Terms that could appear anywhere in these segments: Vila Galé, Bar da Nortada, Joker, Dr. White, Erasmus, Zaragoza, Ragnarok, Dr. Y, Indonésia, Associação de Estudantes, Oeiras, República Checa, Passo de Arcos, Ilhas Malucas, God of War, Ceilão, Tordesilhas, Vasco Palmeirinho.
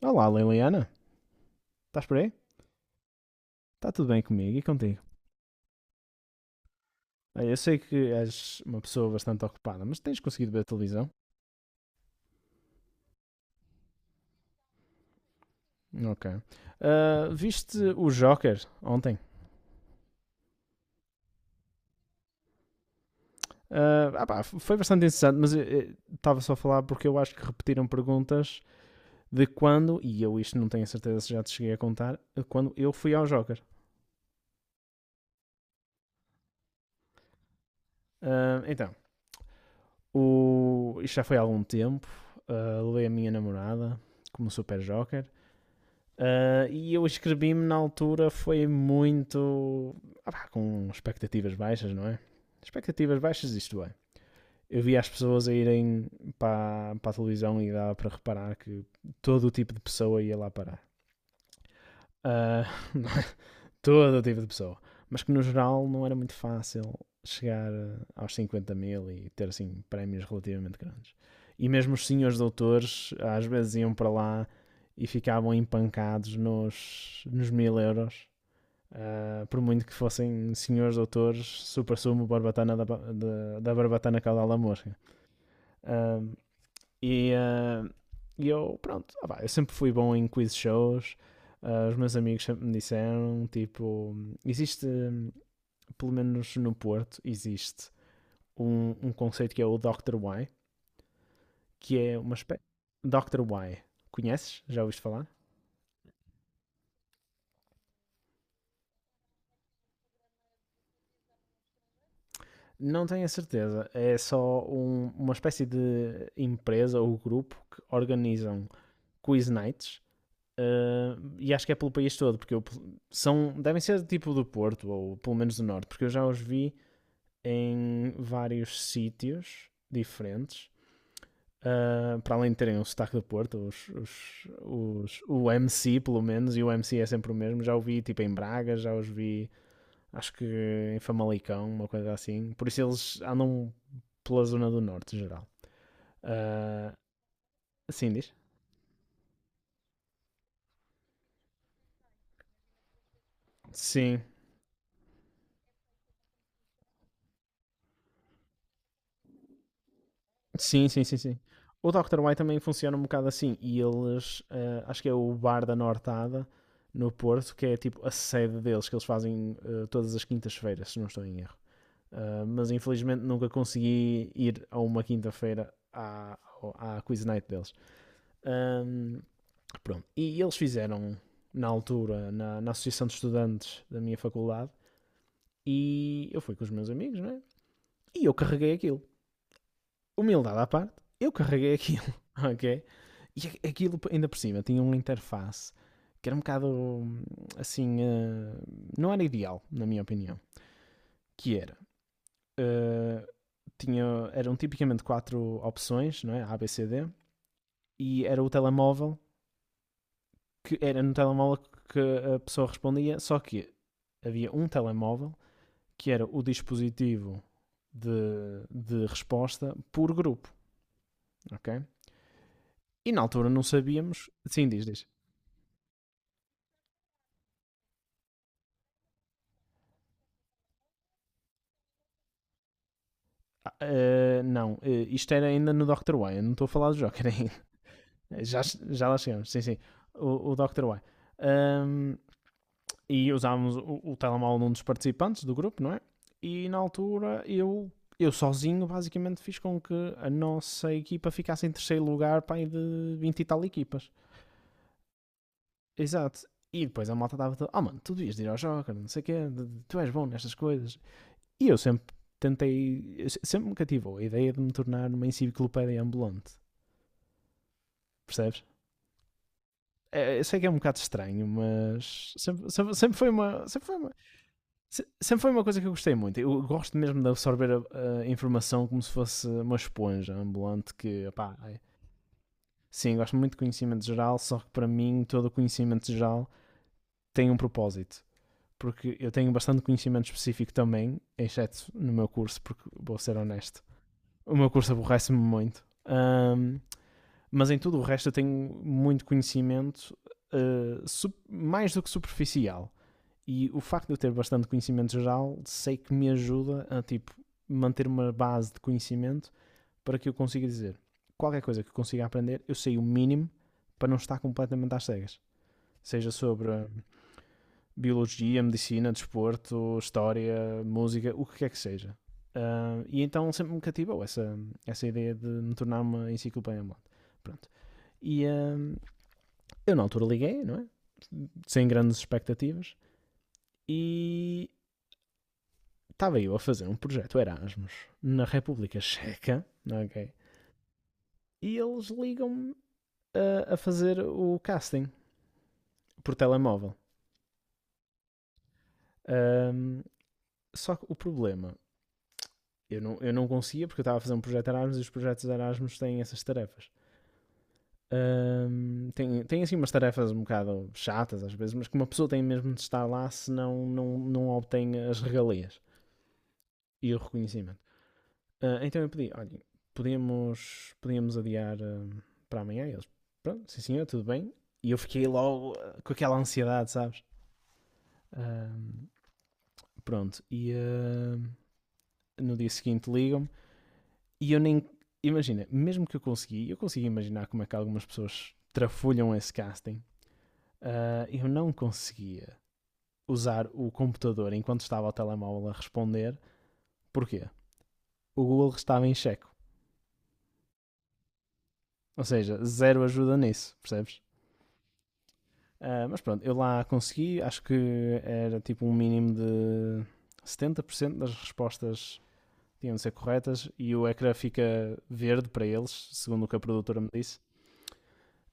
Olá, Liliana. Estás por aí? Está tudo bem comigo e contigo? Eu sei que és uma pessoa bastante ocupada, mas tens conseguido ver a televisão? Ok. Viste o Joker ontem? Ah pá, foi bastante interessante, mas estava só a falar porque eu acho que repetiram perguntas de quando, e eu isto não tenho a certeza se já te cheguei a contar, quando eu fui ao Joker. Ah, então, o, isto já foi há algum tempo. Ah, levei a minha namorada como super Joker. E eu escrevi-me na altura, foi muito. Ah, com expectativas baixas, não é? Expectativas baixas, isto é. Eu via as pessoas a irem para a televisão e dava para reparar que todo o tipo de pessoa ia lá parar. Ah, todo o tipo de pessoa. Mas que no geral não era muito fácil chegar aos 50 mil e ter assim prémios relativamente grandes. E mesmo os senhores doutores às vezes iam para lá e ficavam empancados nos 1000 euros. Ah, por muito que fossem senhores doutores, super sumo, barbatana da barbatana caudal da mosca. Ah, e, ah, pronto, ah pá, eu sempre fui bom em quiz shows. Ah, os meus amigos sempre me disseram tipo: existe, pelo menos no Porto, existe um conceito que é o Dr. Y, que é uma espécie. Dr. Y, conheces? Já ouviste falar? Não tenho a certeza, é só uma espécie de empresa ou grupo que organizam quiz nights. E acho que é pelo país todo, porque eu, são, devem ser tipo do Porto, ou pelo menos do Norte, porque eu já os vi em vários sítios diferentes, para além de terem o sotaque do Porto, o MC pelo menos, e o MC é sempre o mesmo, já o vi tipo em Braga, já os vi acho que em Famalicão, uma coisa assim, por isso eles andam pela zona do Norte, em geral. Uh, assim diz? Sim, sim, sim, sim, sim. O Dr. White também funciona um bocado assim. E eles, eh, acho que é o Bar da Nortada, no Porto, que é tipo a sede deles, que eles fazem todas as quintas-feiras, se não estou em erro. Eh, mas infelizmente nunca consegui ir a uma quinta-feira à Quiz Night deles. Ahm, pronto. E eles fizeram, na altura, na Associação de Estudantes da minha faculdade, e eu fui com os meus amigos, não é? E eu carreguei aquilo. Humildade à parte, eu carreguei aquilo, ok? E aquilo ainda por cima tinha uma interface que era um bocado assim, não era ideal, na minha opinião. Que era, eh, tinha, eram tipicamente quatro opções, não é? A, B, C, D, e era o telemóvel, que era no telemóvel que a pessoa respondia, só que havia um telemóvel que era o dispositivo de resposta por grupo, ok? E na altura não sabíamos. Sim, diz, diz. Não, isto era ainda no Dr. Why, eu não estou a falar do Joker ainda. Já, já lá chegamos, sim, sim. O Dr. Why. Ahm, e usávamos o telemóvel de um dos participantes do grupo, não é? E na altura eu sozinho basicamente fiz com que a nossa equipa ficasse em terceiro lugar para de 20 e tal equipas. Exato. E depois a malta estava toda: oh mano, tu devias de ir ao Joker, não sei o quê, tu és bom nestas coisas. E eu sempre tentei, sempre me cativou a ideia de me tornar uma enciclopédia ambulante. Percebes? É, eu sei que é um bocado estranho, mas sempre foi uma, foi uma, sempre foi uma coisa que eu gostei muito. Eu gosto mesmo de absorver a informação como se fosse uma esponja ambulante que, opá, é- sim, gosto muito de conhecimento geral, só que para mim todo o conhecimento geral tem um propósito. Porque eu tenho bastante conhecimento específico também, exceto no meu curso, porque vou ser honesto. O meu curso aborrece-me muito. Mas em tudo o resto eu tenho muito conhecimento, mais do que superficial. E o facto de eu ter bastante conhecimento geral, sei que me ajuda a tipo manter uma base de conhecimento para que eu consiga dizer qualquer coisa que eu consiga aprender, eu sei o mínimo para não estar completamente às cegas. Seja sobre biologia, medicina, desporto, história, música, o que quer que seja. Ah, e então sempre me cativou essa, essa ideia de me tornar uma enciclopédia ambulante. Pronto. E, hum, eu na altura liguei, não é? Sem grandes expectativas. E estava eu a fazer um projeto Erasmus na República Checa, ok? E eles ligam-me a fazer o casting por telemóvel. Ahm, só que o problema, eu não conseguia porque eu estava a fazer um projeto Erasmus e os projetos Erasmus têm essas tarefas. Tem assim umas tarefas um bocado chatas às vezes, mas que uma pessoa tem mesmo de estar lá senão não obtém as regalias e o reconhecimento. Ah, então eu pedi: olhem, podemos adiar para amanhã? E eles, pronto, sim senhor, tudo bem. E eu fiquei logo com aquela ansiedade, sabes? Ah, pronto, no dia seguinte ligam-me e eu nem, imagina, mesmo que eu consegui imaginar como é que algumas pessoas trafulham esse casting. Ah, eu não conseguia usar o computador enquanto estava ao telemóvel a responder. Porquê? O Google estava em checo. Ou seja, zero ajuda nisso, percebes? Ah, mas pronto, eu lá consegui, acho que era tipo um mínimo de 70% das respostas tinham de ser corretas e o ecrã fica verde para eles, segundo o que a produtora me disse.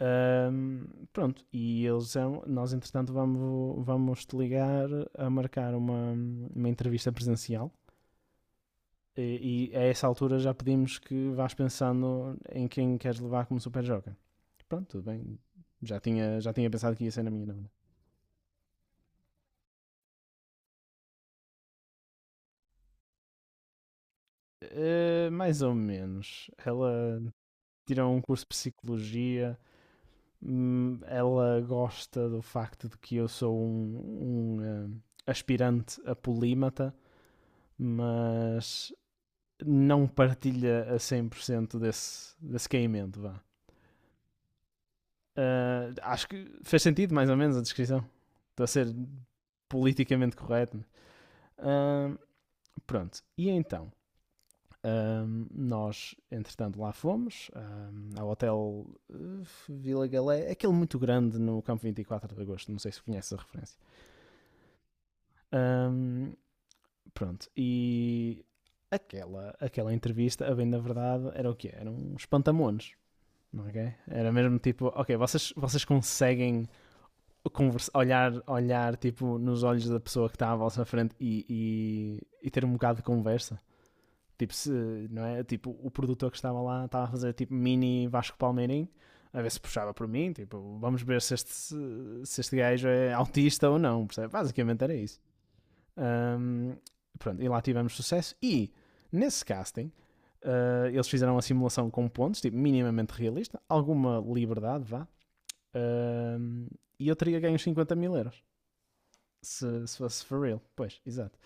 Ahm, pronto, e eles são, nós entretanto vamos te ligar a marcar uma entrevista presencial. E a essa altura já pedimos que vás pensando em quem queres levar como super joker. Pronto, tudo bem. Já tinha pensado que ia ser na minha, não. Eh, mais ou menos. Ela tirou um curso de psicologia. Ela gosta do facto de que eu sou um aspirante a polímata, mas não partilha a 100% desse, desse caimento, vá. Eh, acho que fez sentido, mais ou menos, a descrição. Estou a ser politicamente correto. Ah, pronto. E então? Nós, entretanto, lá fomos ao hotel Vila Galé, aquele muito grande no campo 24 de agosto. Não sei se conhece a referência. Ahm, pronto, e aquela, aquela entrevista, a bem da verdade, era o quê? Era um espantamones. Ok? Era mesmo tipo: ok, vocês conseguem conversa, olhar, olhar tipo nos olhos da pessoa que está à vossa frente e, e ter um bocado de conversa? Tipo, se, não é? Tipo, o produtor que estava lá estava a fazer tipo mini Vasco Palmeirinho, a ver se puxava por mim. Tipo, vamos ver se este, se este gajo é autista ou não, percebe? Basicamente era isso. Um, pronto, e lá tivemos sucesso. E nesse casting, eles fizeram a simulação com pontos, tipo, minimamente realista, alguma liberdade, vá. Um, e eu teria ganho 50 mil euros se, se fosse for real. Pois, exato.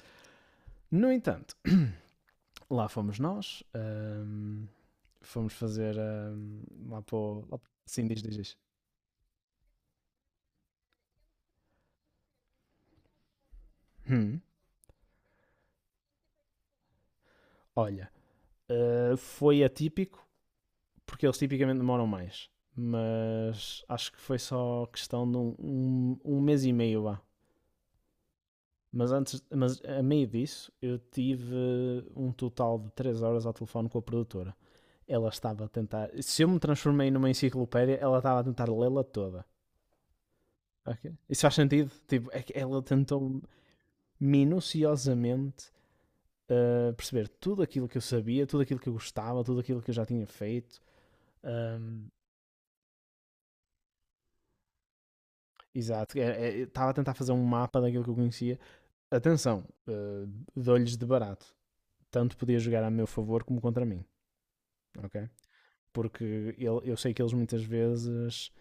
No entanto, lá fomos nós. Um, fomos fazer lá para o. Sim, diz, diz, diz. Hum, olha, foi atípico, porque eles tipicamente demoram mais. Mas acho que foi só questão de um mês e meio lá. Mas antes, mas a meio disso, eu tive um total de 3 horas ao telefone com a produtora. Ela estava a tentar. Se eu me transformei numa enciclopédia, ela estava a tentar lê-la toda. Ok? Isso faz sentido? Tipo, é que ela tentou minuciosamente perceber tudo aquilo que eu sabia, tudo aquilo que eu gostava, tudo aquilo que eu já tinha feito. Um, exato, é, estava a tentar fazer um mapa daquilo que eu conhecia. Atenção, dou-lhes de barato. Tanto podia jogar a meu favor como contra mim, ok? Porque ele, eu sei que eles muitas vezes,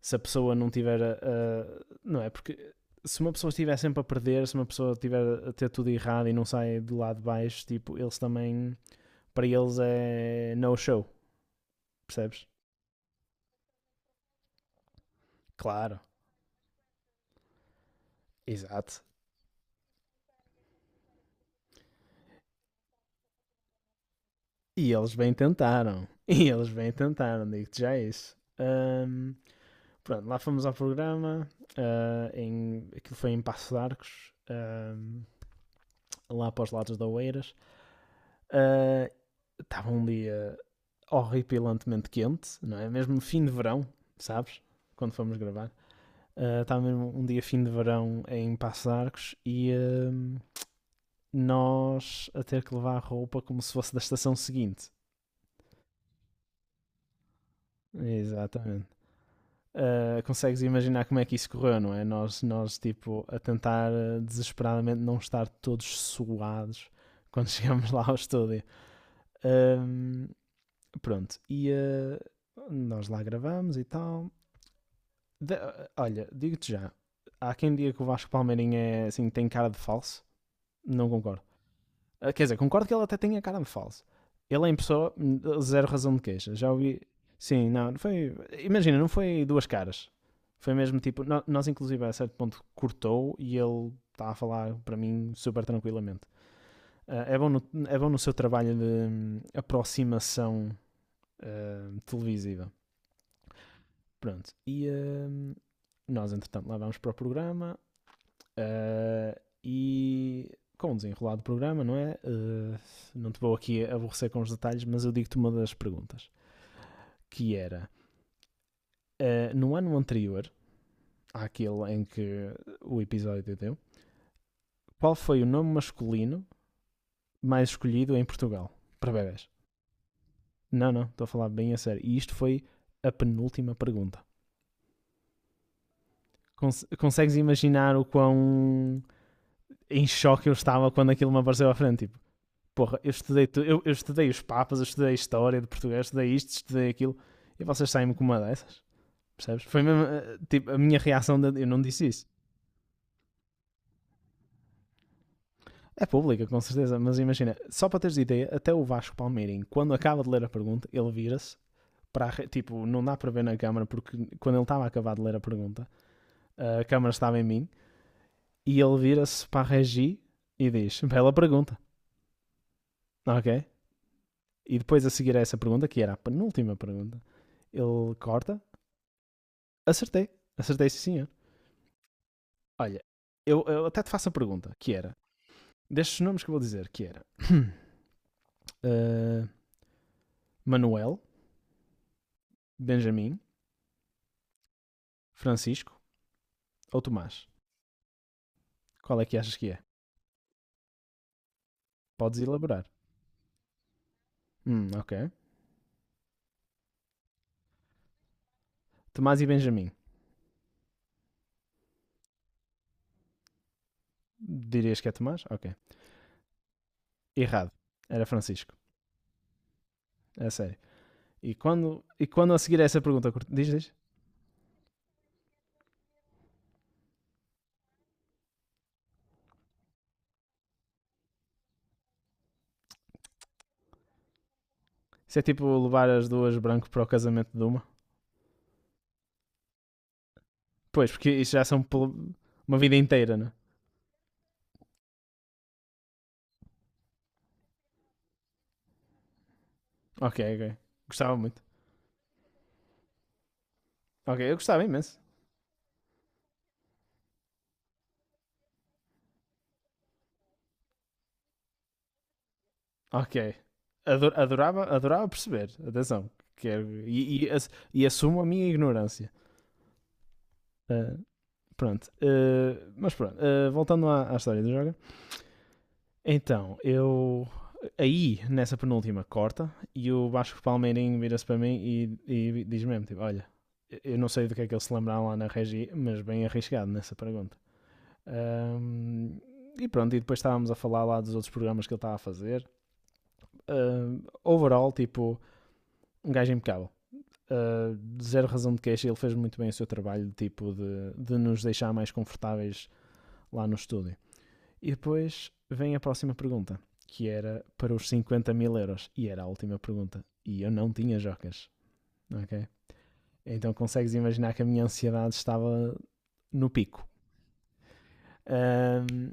se a pessoa não tiver. A, não é? Porque se uma pessoa estiver sempre a perder, se uma pessoa estiver a ter tudo errado e não sai do lado de baixo, tipo, eles também, para eles é no show, percebes? Claro, exato. E eles bem tentaram. E eles bem tentaram, digo-te já isso. Pronto, lá fomos ao programa. Aquilo foi em Passo de Arcos, lá para os lados da Oeiras. Ah, estava um dia horripilantemente quente, não é? Mesmo fim de verão, sabes? Quando fomos gravar. Ah, estava mesmo um dia fim de verão em Passo de Arcos e nós a ter que levar a roupa como se fosse da estação seguinte. Exatamente. Consegues imaginar como é que isso correu, não é? Nós tipo, a tentar desesperadamente não estar todos suados quando chegamos lá ao estúdio. Um, Pronto, e nós lá gravamos e tal. Olha, digo-te já, há quem diga que o Vasco Palmeirinho é, assim, tem cara de falso. Não concordo. Quer dizer, concordo que ele até tem cara de falso. Ele é em pessoa, zero razão de queixa. Já ouvi. Sim, não, foi. Imagina, não foi duas caras. Foi mesmo tipo. Nós, inclusive, a certo ponto cortou e ele está a falar para mim super tranquilamente. Ah, é bom no seu trabalho de aproximação televisiva. Pronto. E nós, entretanto, lá vamos para o programa. Ah, e com o desenrolar do programa, não é? Não te vou aqui aborrecer com os detalhes, mas eu digo-te uma das perguntas, que era, no ano anterior, àquele em que o episódio deu, qual foi o nome masculino mais escolhido em Portugal para bebés? Não, não, estou a falar bem a sério. E isto foi a penúltima pergunta. Consegues imaginar o quão em choque eu estava quando aquilo me apareceu à frente? Tipo, porra, eu estudei, eu estudei os papas, eu estudei a história de Portugal, eu estudei isto, estudei aquilo, e vocês saem-me com uma dessas, percebes? Foi mesmo, tipo, a minha reação, de, eu não disse isso. É pública, com certeza, mas imagina, só para teres ideia, até o Vasco Palmeirinho, quando acaba de ler a pergunta, ele vira-se para, a tipo, não dá para ver na câmara, porque quando ele estava a acabar de ler a pergunta, a câmara estava em mim, e ele vira-se para a Regi e diz, bela pergunta, ok? E depois a seguir a essa pergunta, que era a penúltima pergunta, ele corta, acertei, acertei sim. Olha, eu até te faço a pergunta, que era, destes nomes que eu vou dizer, que era eh, Manuel, Benjamin, Francisco ou Tomás? Qual é que achas que é? Podes elaborar. Ok. Tomás e Benjamin. Dirias que é Tomás? Ok. Errado. Era Francisco. É sério. E quando a seguir a essa pergunta, diz. Isso é tipo levar as duas branco para o casamento de uma? Pois, porque isso já são uma vida inteira, né? Ok, ok. Gostava muito. Ok, eu gostava imenso. Ok. Adorava perceber. Atenção. Quero, e assumo a minha ignorância. Ah, Pronto. Mas pronto. Voltando à história do Joga. Então, eu. Aí, nessa penúltima, corta. E o Vasco Palmeirinho vira-se para mim e diz mesmo: tipo, olha, eu não sei do que é que eles se lembraram lá na regi, mas bem arriscado nessa pergunta. Ahm, e pronto, e depois estávamos a falar lá dos outros programas que ele estava a fazer. Overall, tipo, um gajo impecável. uh, Zero razão de queixa, ele fez muito bem o seu trabalho tipo de nos deixar mais confortáveis lá no estúdio. E depois vem a próxima pergunta, que era para os 50 mil euros. E era a última pergunta. E eu não tinha jocas, ok? Então consegues imaginar que a minha ansiedade estava no pico. Um,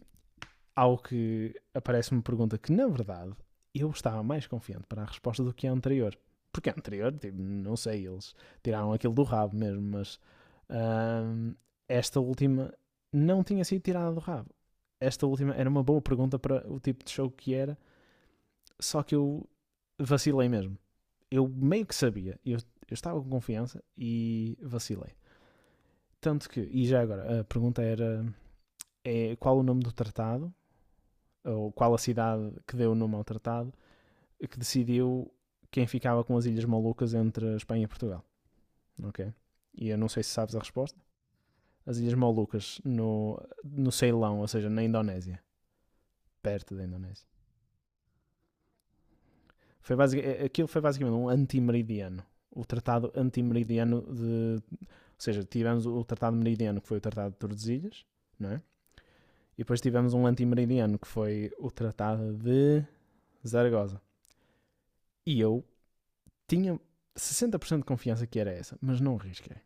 Ao que aparece uma pergunta que, na verdade, eu estava mais confiante para a resposta do que a anterior. Porque a anterior, tipo, não sei, eles tiraram aquilo do rabo mesmo, mas hum, esta última não tinha sido tirada do rabo. Esta última era uma boa pergunta para o tipo de show que era, só que eu vacilei mesmo. Eu meio que sabia, eu estava com confiança e vacilei. Tanto que, e já agora, a pergunta era qual o nome do tratado ou qual a cidade que deu o nome ao tratado, que decidiu quem ficava com as Ilhas Malucas entre a Espanha e Portugal, ok? E eu não sei se sabes a resposta. As Ilhas Malucas no Ceilão, ou seja, na Indonésia, perto da Indonésia. Aquilo foi basicamente um anti meridiano. O tratado anti meridiano de... Ou seja, tivemos o tratado meridiano, que foi o tratado de Tordesilhas, não é? E depois tivemos um anti meridiano que foi o tratado de Zaragoza. E eu tinha 60% de confiança que era essa, mas não arrisquei.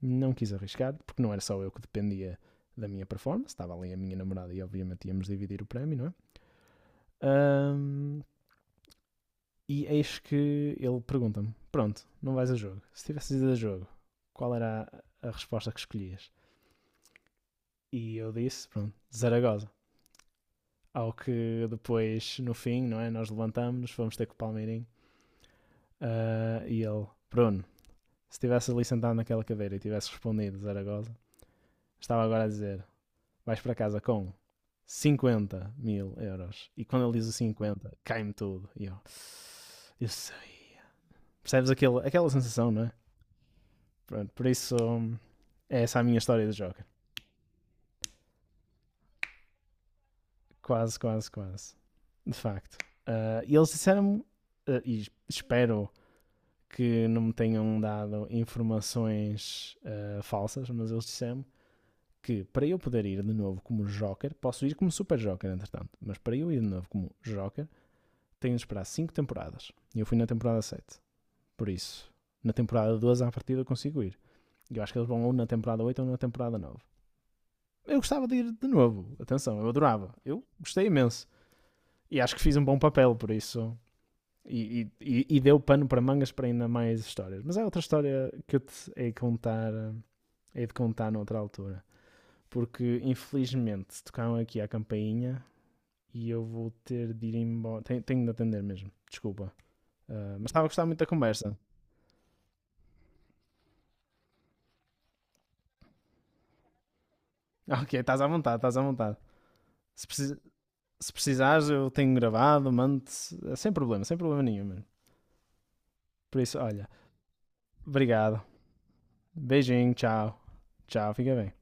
Não quis arriscar, porque não era só eu que dependia da minha performance, estava ali a minha namorada e obviamente íamos dividir o prémio, não é? Ahm, e eis que ele pergunta-me: Pronto, não vais a jogo. Se tivesse ido a jogo, qual era a, resposta que escolhias? E eu disse: Pronto, Zaragoza. Ao que depois, no fim, não é? Nós levantamos-nos, fomos ter com o Palmeirinho e ele: Bruno, se tivesse ali sentado naquela cadeira e tivesse respondido Zaragoza, estava agora a dizer, vais para casa com 50 mil euros. E quando ele diz o 50 cai-me tudo. E eu sabia. Percebes aquela sensação, não é? Pronto, por isso, é essa a minha história do Joker. Quase, quase, quase. De facto. E eles disseram-me, e espero que não me tenham dado informações falsas, mas eles disseram-me que para eu poder ir de novo como Joker, posso ir como Super Joker, entretanto, mas para eu ir de novo como Joker, tenho de esperar 5 temporadas. E eu fui na temporada 7. Por isso, na temporada 12 à partida eu consigo ir. Eu acho que eles vão ou na temporada 8 ou na temporada 9. Eu gostava de ir de novo. Atenção, eu adorava. Eu gostei imenso. E acho que fiz um bom papel, por isso. E deu pano para mangas para ainda mais histórias. Mas é outra história que eu te hei de contar noutra altura. Porque, infelizmente, tocaram aqui a campainha e eu vou ter de ir embora. Tenho de atender mesmo, desculpa. Mas estava a gostar muito da conversa. Ok, estás à vontade, estás à vontade. Se, precis- Se precisares, eu tenho gravado, mando-te. Sem problema, sem problema nenhum, mano. Por isso, olha, obrigado. Beijinho, tchau. Tchau, fica bem.